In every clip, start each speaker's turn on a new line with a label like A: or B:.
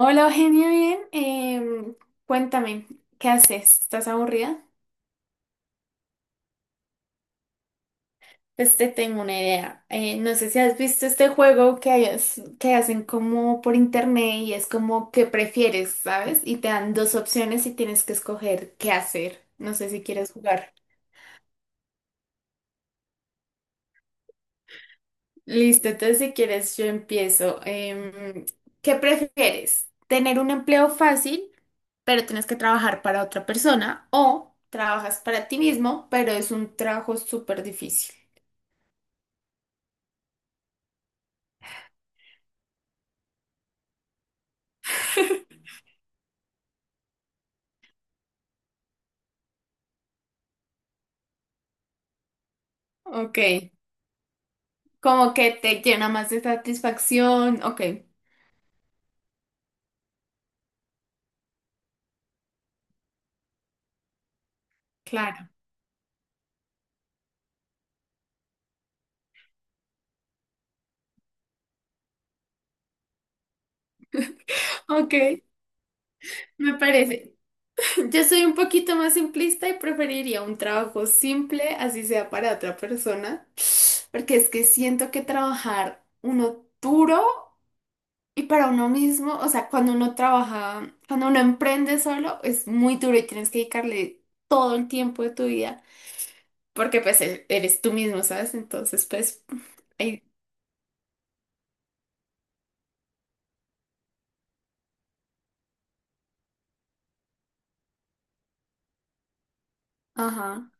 A: Hola Eugenia, bien. Cuéntame, ¿qué haces? ¿Estás aburrida? Pues te tengo una idea. No sé si has visto este juego que hacen como por internet y es como que prefieres, ¿sabes? Y te dan dos opciones y tienes que escoger qué hacer. No sé si quieres jugar. Listo, entonces si quieres yo empiezo. ¿Qué prefieres? ¿Tener un empleo fácil, pero tienes que trabajar para otra persona? ¿O trabajas para ti mismo, pero es un trabajo súper difícil? Ok, como que te llena más de satisfacción. Ok, claro. Ok, me parece. Yo soy un poquito más simplista y preferiría un trabajo simple, así sea para otra persona, porque es que siento que trabajar uno duro. Y para uno mismo, o sea, cuando uno trabaja, cuando uno emprende solo, es muy duro y tienes que dedicarle todo el tiempo de tu vida, porque pues eres tú mismo, ¿sabes? Entonces, pues, ahí- ajá,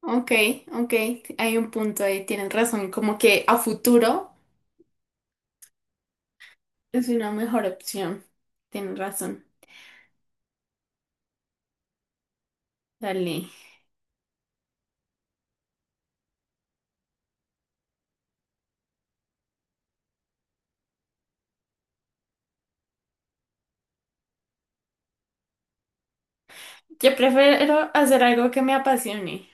A: ok, ok, hay un punto ahí, tienes razón, como que a futuro es una mejor opción, tienes razón, dale. Yo prefiero hacer algo que me apasione.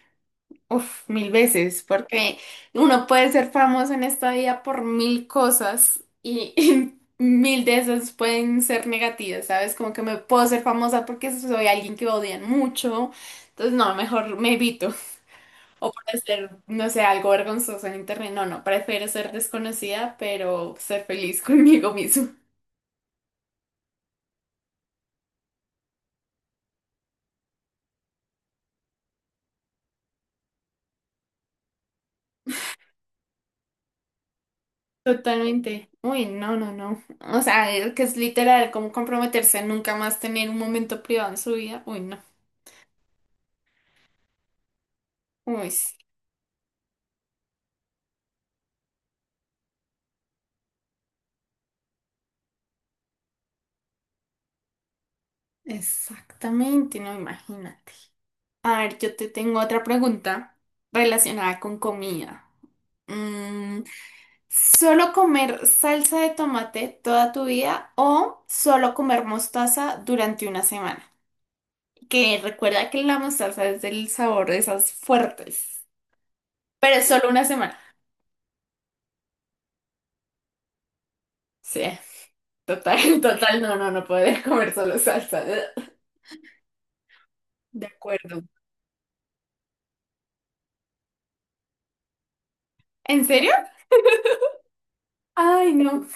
A: Uf, mil veces, porque uno puede ser famoso en esta vida por mil cosas y, y mil de esas pueden ser negativas, ¿sabes? Como que me puedo ser famosa porque soy alguien que odian mucho, entonces no, mejor me evito. O por hacer, no sé, algo vergonzoso en internet, no, no, prefiero ser desconocida, pero ser feliz conmigo mismo. Totalmente. Uy, no, no, no. O sea, que es literal como comprometerse a nunca más tener un momento privado en su vida. Uy, no. Uy, sí. Exactamente, no imagínate. A ver, yo te tengo otra pregunta relacionada con comida. Mm, ¿Solo comer salsa de tomate toda tu vida o solo comer mostaza durante una semana? Que recuerda que la mostaza es del sabor de esas fuertes, pero es solo una semana. Sí, total, total, no, no, no poder comer solo salsa. De acuerdo. ¿En serio? Ay, no.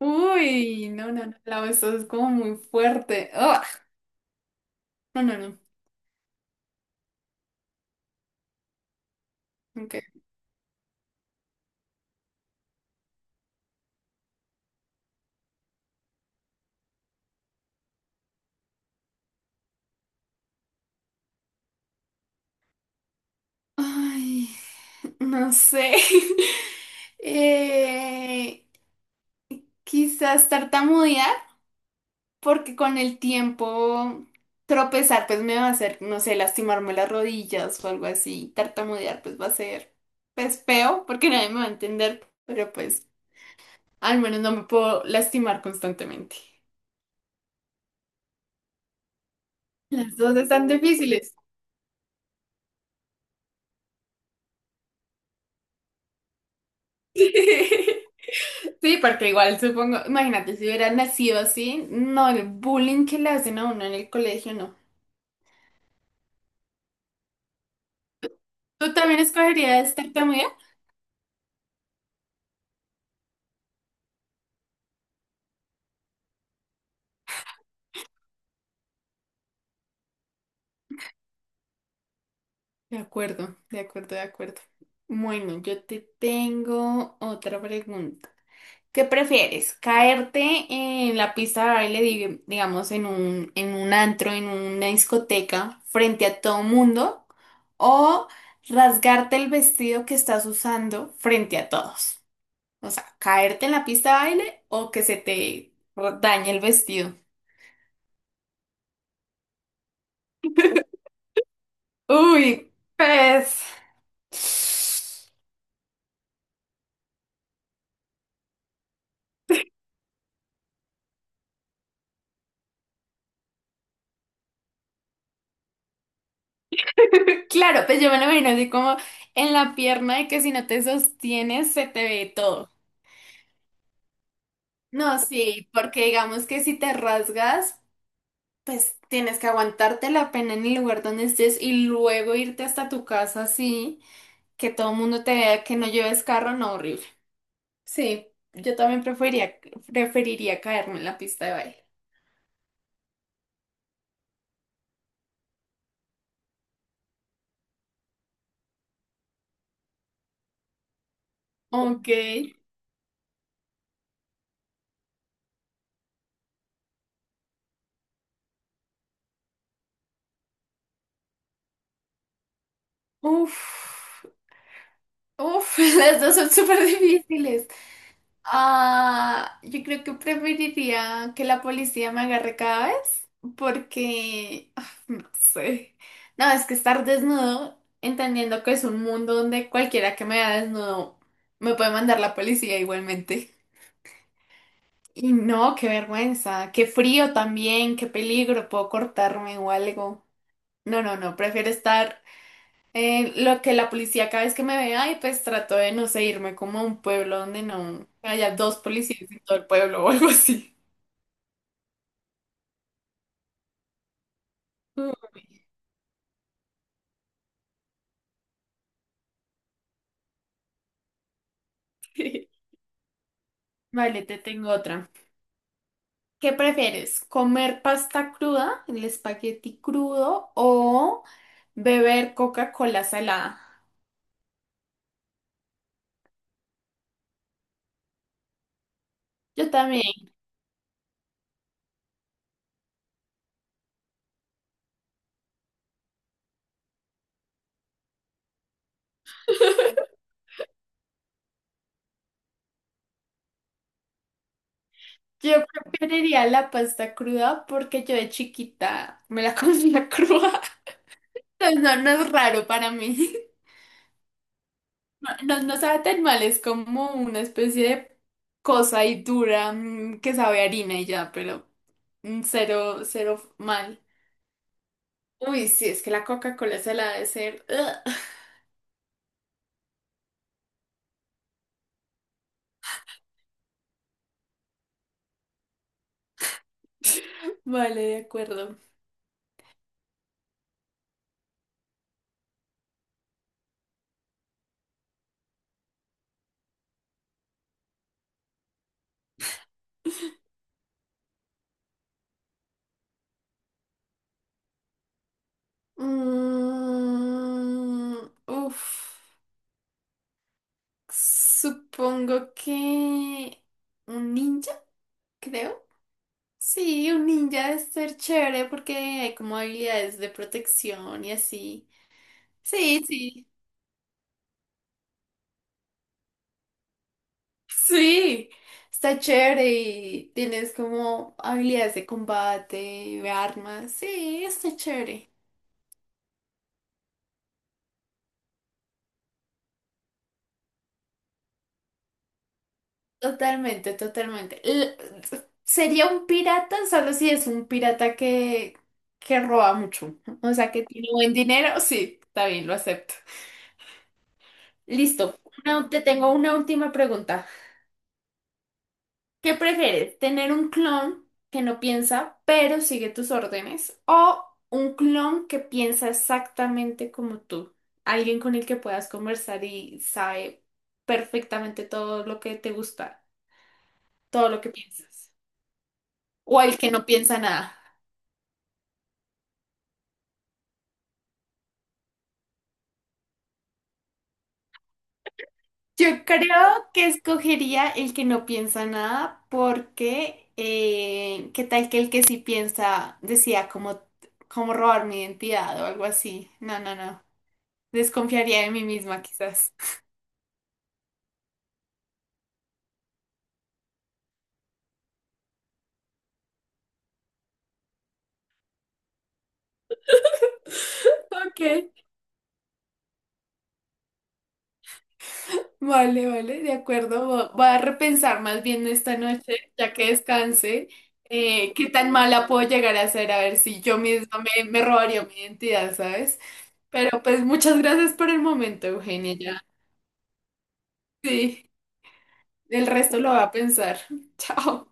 A: Uy, no, no, no, la eso es como muy fuerte. Ah, no, no, no. Ok. Ay, no sé. Eh, quizás tartamudear, porque con el tiempo tropezar, pues me va a hacer, no sé, lastimarme las rodillas o algo así. Tartamudear, pues va a ser, pues feo, porque nadie me va a entender, pero pues al menos no me puedo lastimar constantemente. Las dos están difíciles. Sí, porque igual supongo, imagínate, si hubiera nacido así, no, el bullying que le hacen a uno en el colegio, no. ¿Tú también escogerías tartamudea? De acuerdo, de acuerdo, de acuerdo. Bueno, yo te tengo otra pregunta. ¿Qué prefieres? ¿Caerte en la pista de baile, digamos, en un antro, en una discoteca, frente a todo mundo? ¿O rasgarte el vestido que estás usando frente a todos? O sea, caerte en la pista de baile o que se te dañe el vestido. Uy, pues... Claro, pues yo me lo imagino así como en la pierna de que si no te sostienes se te ve todo. No, sí, porque digamos que si te rasgas, pues tienes que aguantarte la pena en el lugar donde estés y luego irte hasta tu casa así, que todo el mundo te vea que no lleves carro, no, horrible. Sí, yo también preferiría, caerme en la pista de baile. Ok. Uf, uf, las dos son súper difíciles. Ah, yo creo que preferiría que la policía me agarre cada vez porque, no sé. No, es que estar desnudo, entendiendo que es un mundo donde cualquiera que me vea desnudo me puede mandar la policía igualmente. Y no, qué vergüenza, qué frío también, qué peligro, puedo cortarme o algo. No, no, no, prefiero estar. Lo que la policía cada vez que me vea, y pues trato de no sé, irme como a un pueblo donde no haya dos policías en todo el pueblo o algo así. Vale, te tengo otra. ¿Qué prefieres? ¿Comer pasta cruda, el espagueti crudo, o beber Coca-Cola salada? Yo también. Yo preferiría la pasta cruda porque yo de chiquita me la comía cruda. Entonces no, no es raro para mí. No, no sabe tan mal, es como una especie de cosa y dura que sabe a harina y ya, pero cero, cero mal. Uy, sí, es que la Coca-Cola se la ha de ser. Vale, de acuerdo. Mm, uf, supongo que un ninja, creo. Sí, un ninja debe ser chévere porque hay como habilidades de protección y así. Sí, sí. Sí, está chévere y tienes como habilidades de combate, de armas. Sí, está chévere. Totalmente, totalmente. Sería un pirata solo si es un pirata que roba mucho. O sea, que tiene buen dinero. Sí, está bien, lo acepto. Listo. Te tengo una última pregunta. ¿Qué prefieres? ¿Tener un clon que no piensa, pero sigue tus órdenes? ¿O un clon que piensa exactamente como tú? Alguien con el que puedas conversar y sabe perfectamente todo lo que te gusta, todo lo que piensas. O el que no piensa nada. Yo creo que escogería el que no piensa nada porque ¿qué tal que el que sí piensa decía como robar mi identidad o algo así? No, no, no. Desconfiaría de mí misma, quizás. Ok, vale, vale, de acuerdo. Voy a repensar más bien esta noche, ya que descanse, qué tan mala puedo llegar a ser, a ver si yo misma me robaría mi identidad, ¿sabes? Pero pues muchas gracias por el momento, Eugenia, ya. Sí, el resto lo va a pensar. Chao.